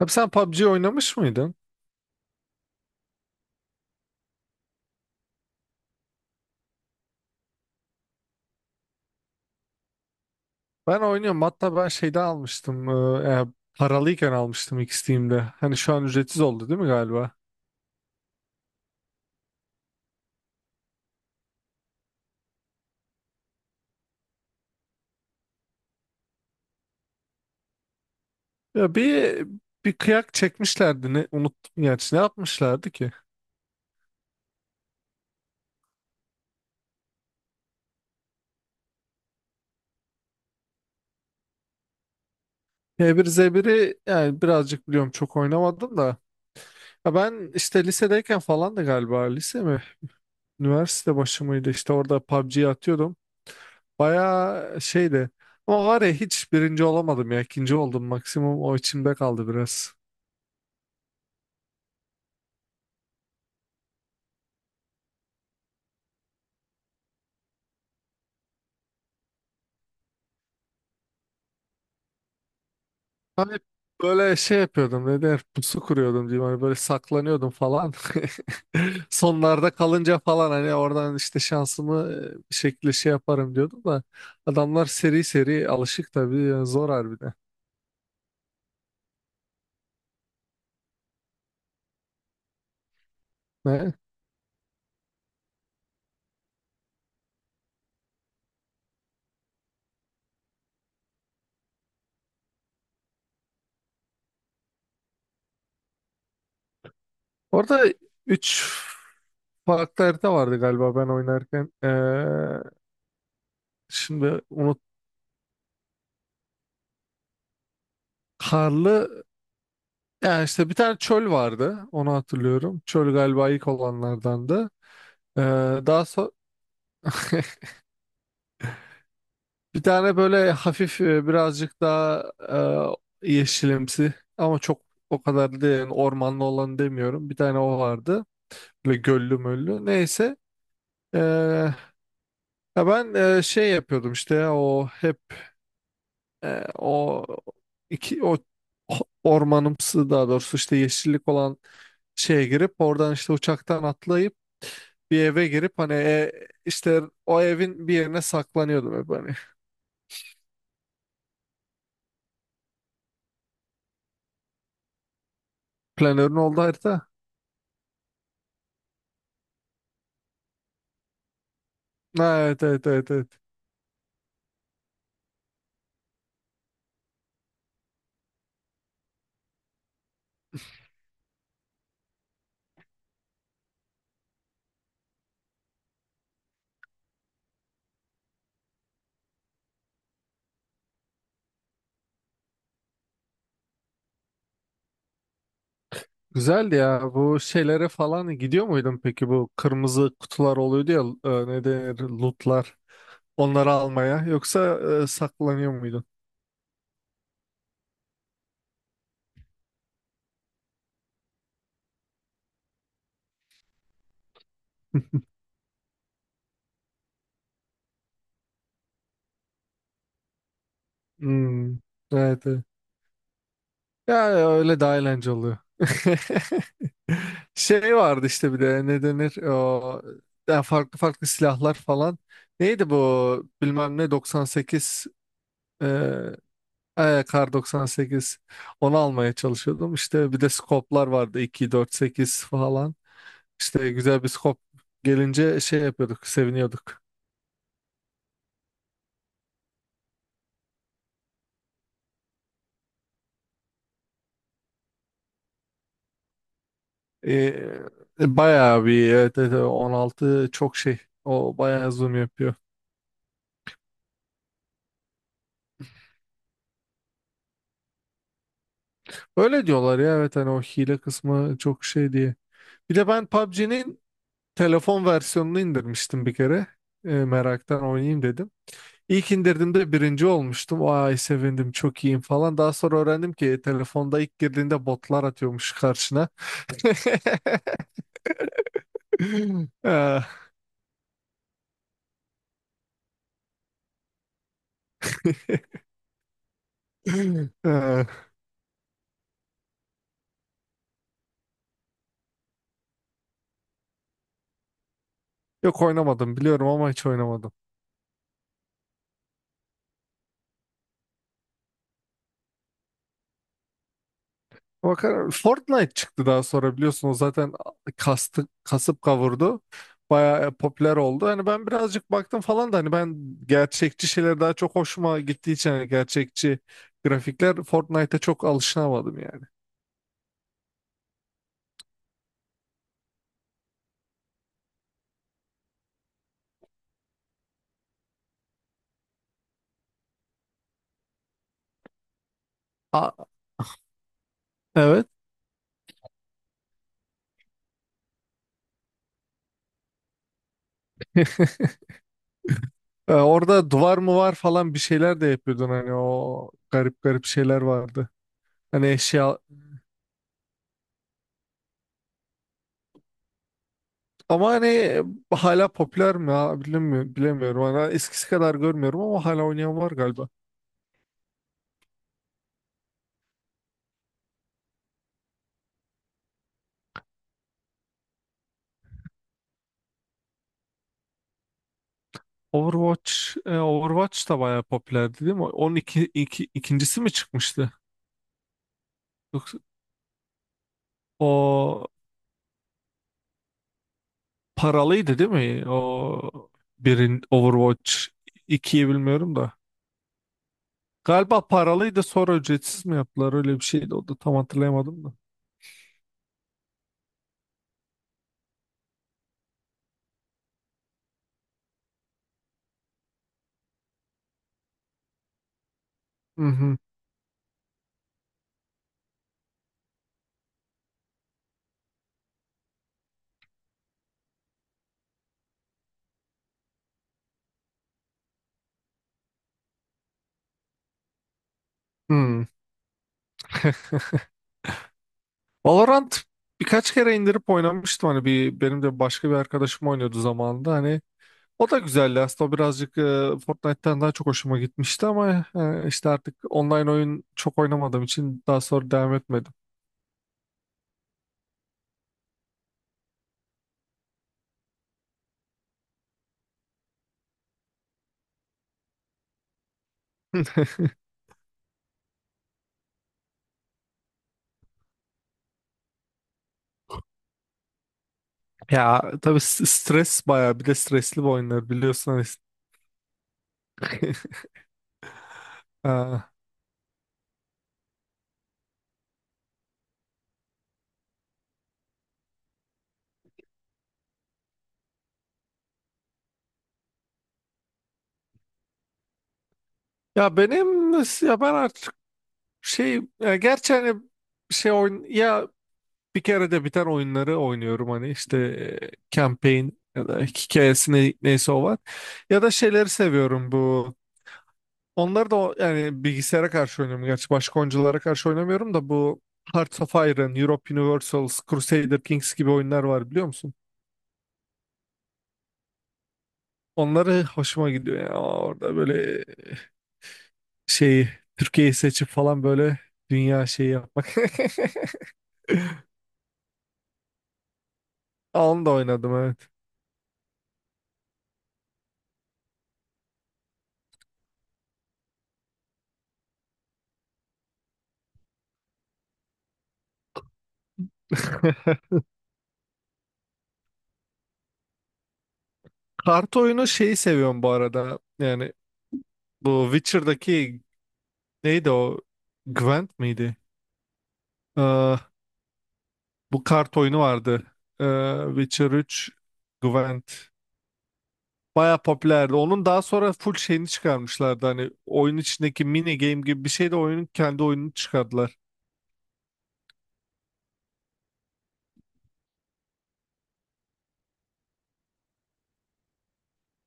Abi sen PUBG oynamış mıydın? Ben oynuyorum. Hatta ben şeyde almıştım. Paralıyken almıştım ilk Steam'de. Hani şu an ücretsiz oldu değil mi galiba? Ya bir kıyak çekmişlerdi. Ne, unuttum gerçi. Ne yapmışlardı ki? H1Z1'i yani birazcık biliyorum çok oynamadım da. Ya ben işte lisedeyken falan da galiba lise mi? Üniversite başı mıydı? İşte orada PUBG'yi atıyordum. Bayağı şeydi. Ama var ya hiç birinci olamadım ya. İkinci oldum maksimum. O içimde kaldı biraz. Hani böyle şey yapıyordum ne der pusu kuruyordum diyeyim hani böyle saklanıyordum falan. Sonlarda kalınca falan hani oradan işte şansımı bir şekilde şey yaparım diyordum da adamlar seri seri alışık tabii yani zor harbiden. Ne? Orada 3 farklı harita vardı galiba ben oynarken. Şimdi unut karlı yani işte bir tane çöl vardı onu hatırlıyorum. Çöl galiba ilk olanlardandı. Ee, daha sonra bir tane böyle hafif birazcık daha yeşilimsi ama çok o kadar değil yani ormanlı olan demiyorum. Bir tane o vardı. Böyle göllü möllü. Neyse. E, ya ben şey yapıyordum işte ya, o hep o iki o ormanımsı daha doğrusu işte yeşillik olan şeye girip oradan işte uçaktan atlayıp bir eve girip hani işte o evin bir yerine saklanıyordum hep hani. Planörün oldu harita. Ha, evet evet evet evet. Güzeldi ya. Bu şeylere falan gidiyor muydun peki? Bu kırmızı kutular oluyordu ya ne denir lootlar. Onları almaya. Yoksa saklanıyor muydun? Hmm, evet, evet. Ya öyle daha eğlenceli oluyor. Şey vardı işte bir de ne denir o, ya farklı farklı silahlar falan. Neydi bu bilmem ne 98 e, kar 98 onu almaya çalışıyordum. İşte bir de skoplar vardı 2 4 8 falan. İşte güzel bir skop gelince şey yapıyorduk, seviniyorduk. Ee, bayağı bir evet, evet, evet, 16 çok şey. O bayağı zoom yapıyor. Öyle diyorlar ya evet hani o hile kısmı çok şey diye. Bir de ben PUBG'nin telefon versiyonunu indirmiştim bir kere. Meraktan oynayayım dedim. İlk indirdiğimde birinci olmuştum. Ay sevindim çok iyiyim falan. Daha sonra öğrendim ki telefonda ilk girdiğinde botlar atıyormuş karşına. Ah. Ah. Yok oynamadım biliyorum ama hiç oynamadım. Bakar Fortnite çıktı daha sonra biliyorsun o zaten kastı, kasıp kavurdu. Bayağı popüler oldu. Hani ben birazcık baktım falan da hani ben gerçekçi şeyler daha çok hoşuma gittiği için hani gerçekçi grafikler Fortnite'a çok alışamadım yani. A- evet. Orada duvar mı var falan bir şeyler de yapıyordun hani o garip garip şeyler vardı. Hani eşya ama hani hala popüler mi ya bilmiyorum, bilemiyorum. Hani eskisi kadar görmüyorum ama hala oynayan var galiba. Overwatch, Overwatch da bayağı popülerdi değil mi? Onun ikincisi mi çıkmıştı? Yoksa o paralıydı değil mi? O birin Overwatch ikiyi bilmiyorum da. Galiba paralıydı sonra ücretsiz mi yaptılar öyle bir şeydi o da tam hatırlayamadım da. Hı hı. Hı. Valorant birkaç kere indirip oynamıştım hani bir benim de başka bir arkadaşım oynuyordu zamanında hani o da güzeldi aslında o birazcık Fortnite'tan daha çok hoşuma gitmişti ama işte artık online oyun çok oynamadığım için daha sonra devam etmedim. Ya tabii stres bayağı bir de stresli bu oyunlar biliyorsun. Hani. Aa, ya benim ya ben artık şey ya gerçi hani şey oyun ya bir kere de biten oyunları oynuyorum hani işte campaign ya da hikayesi neyse o var. Ya da şeyleri seviyorum bu. Onları da yani bilgisayara karşı oynuyorum. Gerçi başka oyunculara karşı oynamıyorum da bu Hearts of Iron, Europe Universals, Crusader Kings gibi oyunlar var biliyor musun? Onları hoşuma gidiyor ya. Orada böyle şeyi Türkiye'yi seçip falan böyle dünya şeyi yapmak. Onu da oynadım evet. Kart oyunu şeyi seviyorum bu arada. Yani bu Witcher'daki neydi o? Gwent miydi? Ee, bu kart oyunu vardı. Witcher 3 Gwent. Baya popülerdi. Onun daha sonra full şeyini çıkarmışlardı. Hani oyun içindeki mini game gibi bir şey de oyunun kendi oyununu çıkardılar.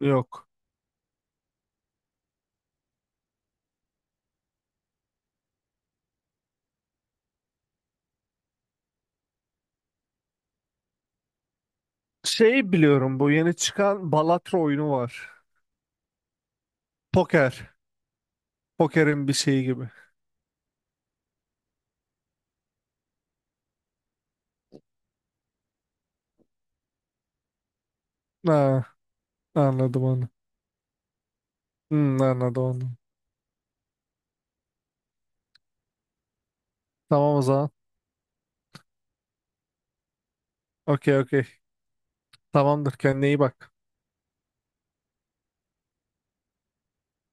Yok. Şey biliyorum bu yeni çıkan Balatro oyunu var. Poker. Poker'in bir şeyi gibi. Ha, anladım onu. Hmm, anladım onu. Tamam o zaman. Okey okey. Tamamdır kendine iyi bak.